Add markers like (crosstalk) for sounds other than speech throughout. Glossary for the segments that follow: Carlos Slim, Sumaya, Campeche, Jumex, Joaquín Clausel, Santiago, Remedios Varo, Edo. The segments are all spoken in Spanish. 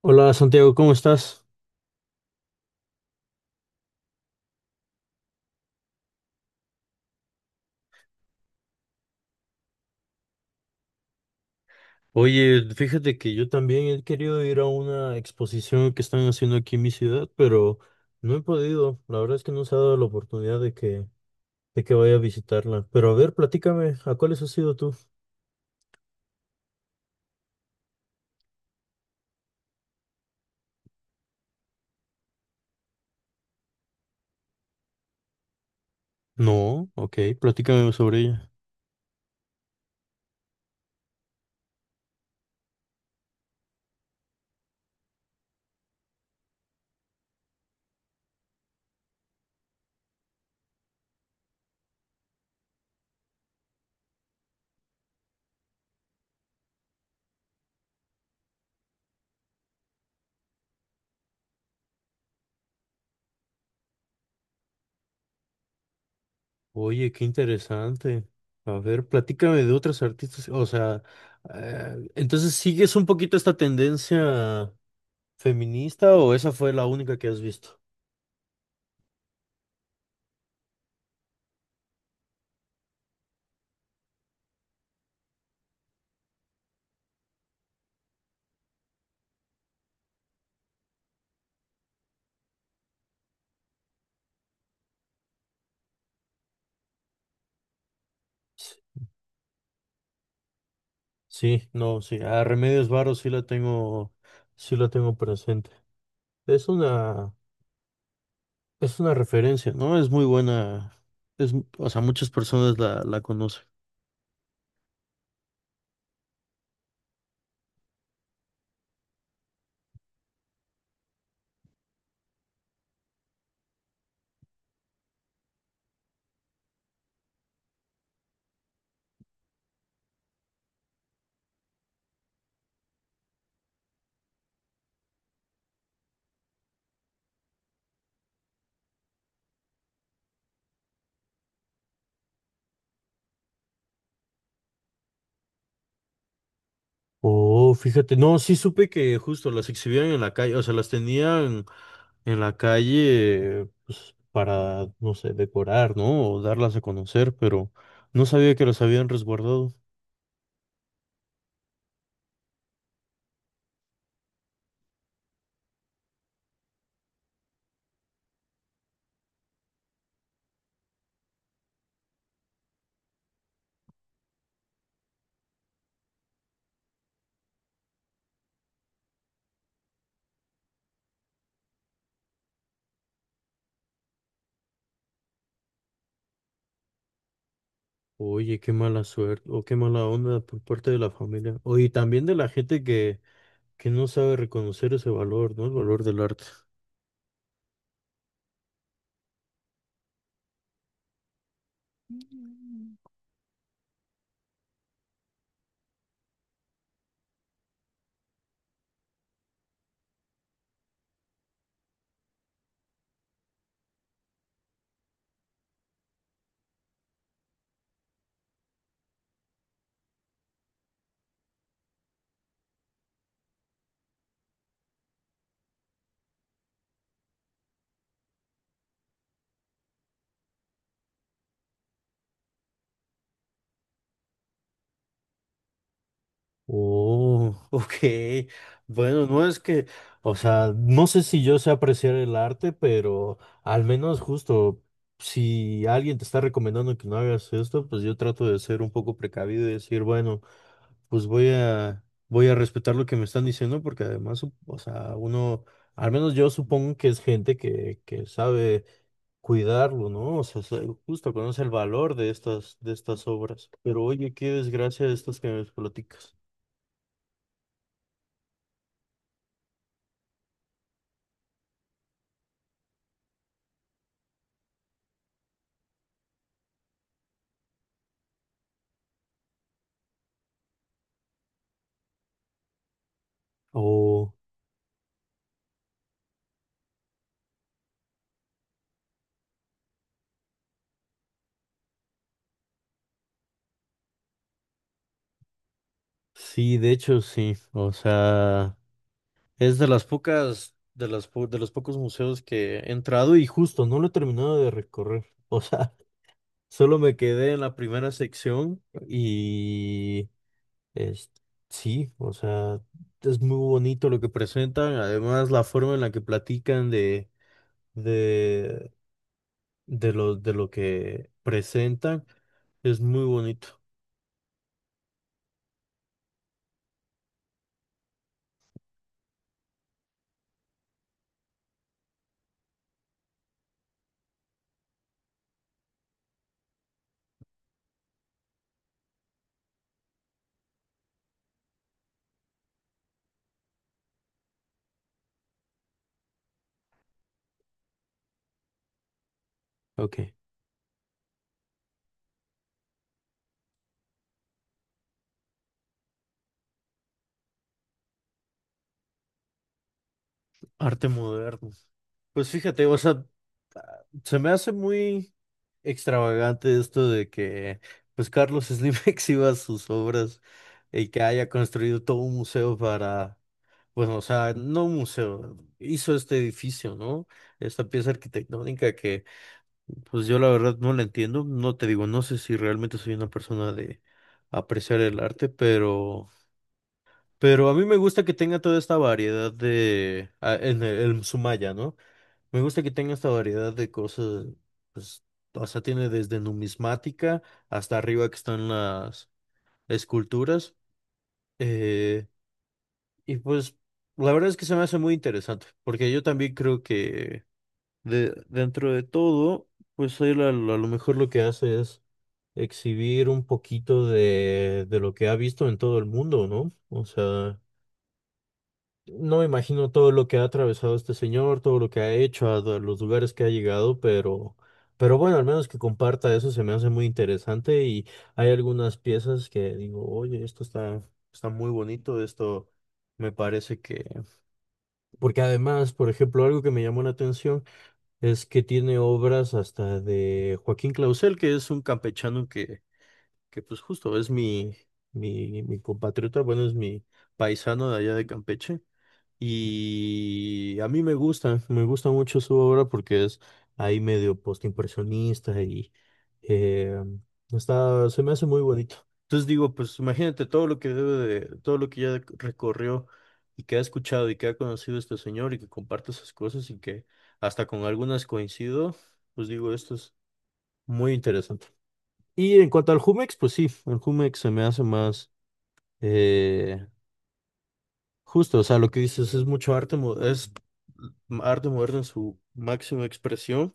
Hola Santiago, ¿cómo estás? Oye, fíjate que yo también he querido ir a una exposición que están haciendo aquí en mi ciudad, pero no he podido. La verdad es que no se ha dado la oportunidad de que vaya a visitarla. Pero a ver, platícame, ¿a cuáles has ido tú? No, ok, platícame sobre ella. Oye, qué interesante. A ver, platícame de otras artistas. O sea, entonces, ¿sigues un poquito esta tendencia feminista o esa fue la única que has visto? Sí, no, sí, a Remedios Varo sí la tengo presente. Es una, es una referencia, ¿no? Es muy buena, es, o sea, muchas personas la conocen. Oh, fíjate, no, sí supe que justo las exhibían en la calle, o sea, las tenían en la calle, pues, para, no sé, decorar, ¿no? O darlas a conocer, pero no sabía que las habían resguardado. Oye, qué mala suerte, o qué mala onda por parte de la familia. Oye, y también de la gente que no sabe reconocer ese valor, ¿no? El valor del arte. Oh, (laughs) ok. Bueno, no es que, o sea, no sé si yo sé apreciar el arte, pero al menos justo, si alguien te está recomendando que no hagas esto, pues yo trato de ser un poco precavido y decir, bueno, pues voy a respetar lo que me están diciendo, porque además, o sea, uno, al menos yo supongo que es gente que sabe cuidarlo, ¿no? O sea, se- justo conoce el valor de de estas obras. Pero oye, qué desgracia de estas que me platicas. Oh, sí, de hecho sí. O sea, es de las pocas, de las po- de los pocos museos que he entrado y justo no lo he terminado de recorrer. O sea, (laughs) solo me quedé en la primera sección y es, sí, o sea, es muy bonito lo que presentan. Además, la forma en la que platican de de lo que presentan es muy bonito. Ok. Arte moderno. Pues fíjate, o sea, se me hace muy extravagante esto de que pues Carlos Slim (laughs) exhiba sus obras y que haya construido todo un museo para, bueno, o sea, no un museo, hizo este edificio, ¿no? Esta pieza arquitectónica que pues yo la verdad no la entiendo, no te digo, no sé si realmente soy una persona de apreciar el arte, pero a mí me gusta que tenga toda esta variedad de... en Sumaya, ¿no? Me gusta que tenga esta variedad de cosas, pues, o sea, tiene desde numismática hasta arriba que están las esculturas. eh, y pues, la verdad es que se me hace muy interesante, porque yo también creo que dentro de todo, pues él a lo mejor lo que hace es exhibir un poquito de lo que ha visto en todo el mundo, ¿no? O sea... No me imagino todo lo que ha atravesado este señor, todo lo que ha hecho, a do- los lugares que ha llegado, pero bueno, al menos que comparta eso se me hace muy interesante y hay algunas piezas que digo, oye, esto está, está muy bonito, esto me parece que... Porque además, por ejemplo, algo que me llamó la atención es que tiene obras hasta de Joaquín Clausel, que es un campechano que pues justo es mi compatriota, bueno, es mi paisano de allá de Campeche. Y a mí me gusta mucho su obra porque es ahí medio postimpresionista y eh, está, se me hace muy bonito. Entonces digo, pues imagínate todo lo que debe de, todo lo que ya recorrió y que ha escuchado y que ha conocido este señor y que comparte esas cosas y que hasta con algunas coincido, pues digo, esto es muy interesante. Y en cuanto al Jumex, pues sí, el Jumex se me hace eh, justo, o sea, lo que dices es mucho arte, mo- es arte moderno en su máxima expresión.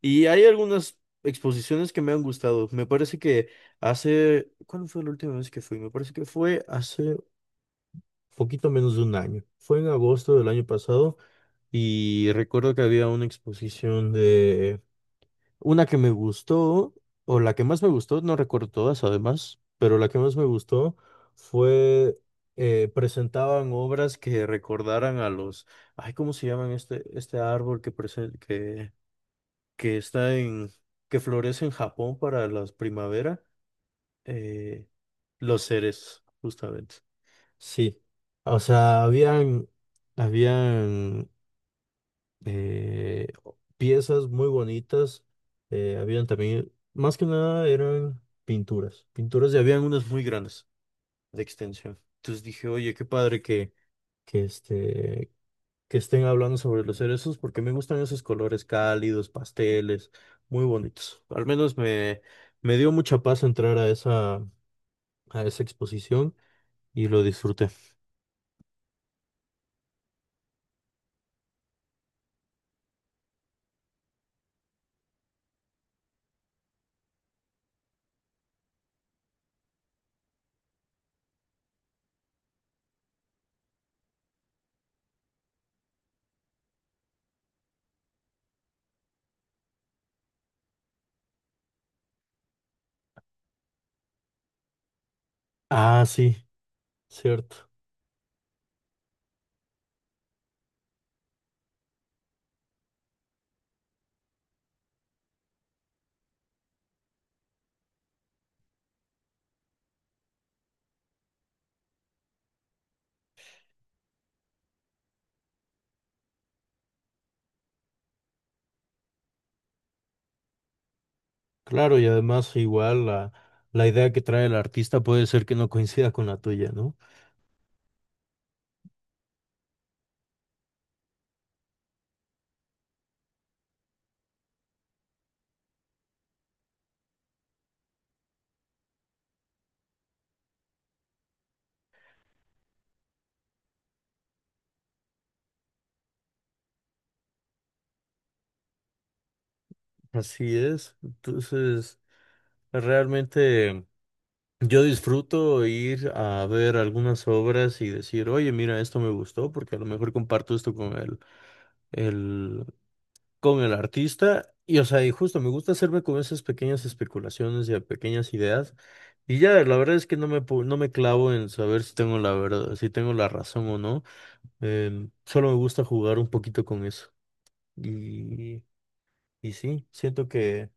Y hay algunas exposiciones que me han gustado. Me parece que hace, ¿cuándo fue la última vez que fui? Me parece que fue hace poquito menos de un año. Fue en agosto del año pasado y recuerdo que había una exposición de una que me gustó, o la que más me gustó, no recuerdo todas además, pero la que más me gustó fue, presentaban obras que recordaran a los, ay, ¿cómo se llaman este árbol que está en, que florece en Japón para la primavera? Eh, los seres, justamente. Sí, o sea, habían eh, piezas muy bonitas. Habían también, más que nada eran pinturas, pinturas y habían unas muy grandes de extensión. Entonces dije, oye, qué padre que, este, que estén hablando sobre los cerezos porque me gustan esos colores cálidos, pasteles, muy bonitos. Me dio mucha paz entrar a a esa exposición y lo disfruté. Ah, sí, cierto. Claro, y además igual la idea que trae el artista puede ser que no coincida con la tuya, ¿no? Así es. Entonces, realmente yo disfruto ir a ver algunas obras y decir, oye, mira, esto me gustó, porque a lo mejor comparto esto con el, con el artista. Y, o sea, y justo me gusta hacerme con esas pequeñas especulaciones y a pequeñas ideas. Y ya, la verdad es que no me clavo en saber si tengo la verdad, si tengo la razón o no. El- solo me gusta jugar un poquito con eso. Y, y sí, siento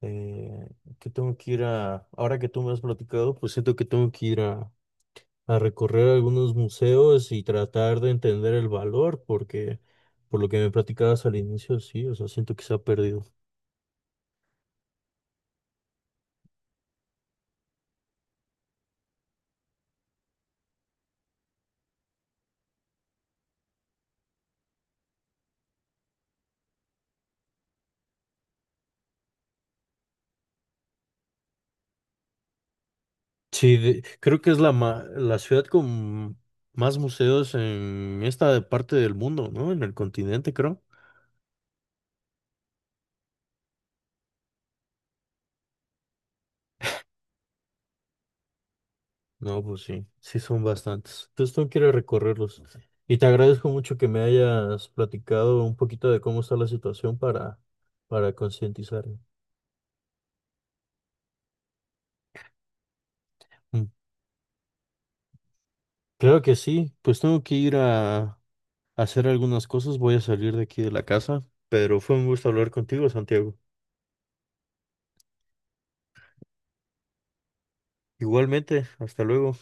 eh, que tengo que ir a, ahora que tú me has platicado, pues siento que tengo que a recorrer algunos museos y tratar de entender el valor, porque por lo que me platicabas al inicio, sí, o sea, siento que se ha perdido. Sí, de- creo que es la, ma- la ciudad con más museos en esta parte del mundo, ¿no? En el continente, creo. No, pues sí, sí son bastantes. Entonces tengo que ir a recorrerlos. Y te agradezco mucho que me hayas platicado un poquito de cómo está la situación para concientizar. Mm, claro que sí, pues tengo que a hacer algunas cosas, voy a salir de aquí de la casa, pero fue un gusto hablar contigo, Santiago. Igualmente, hasta luego.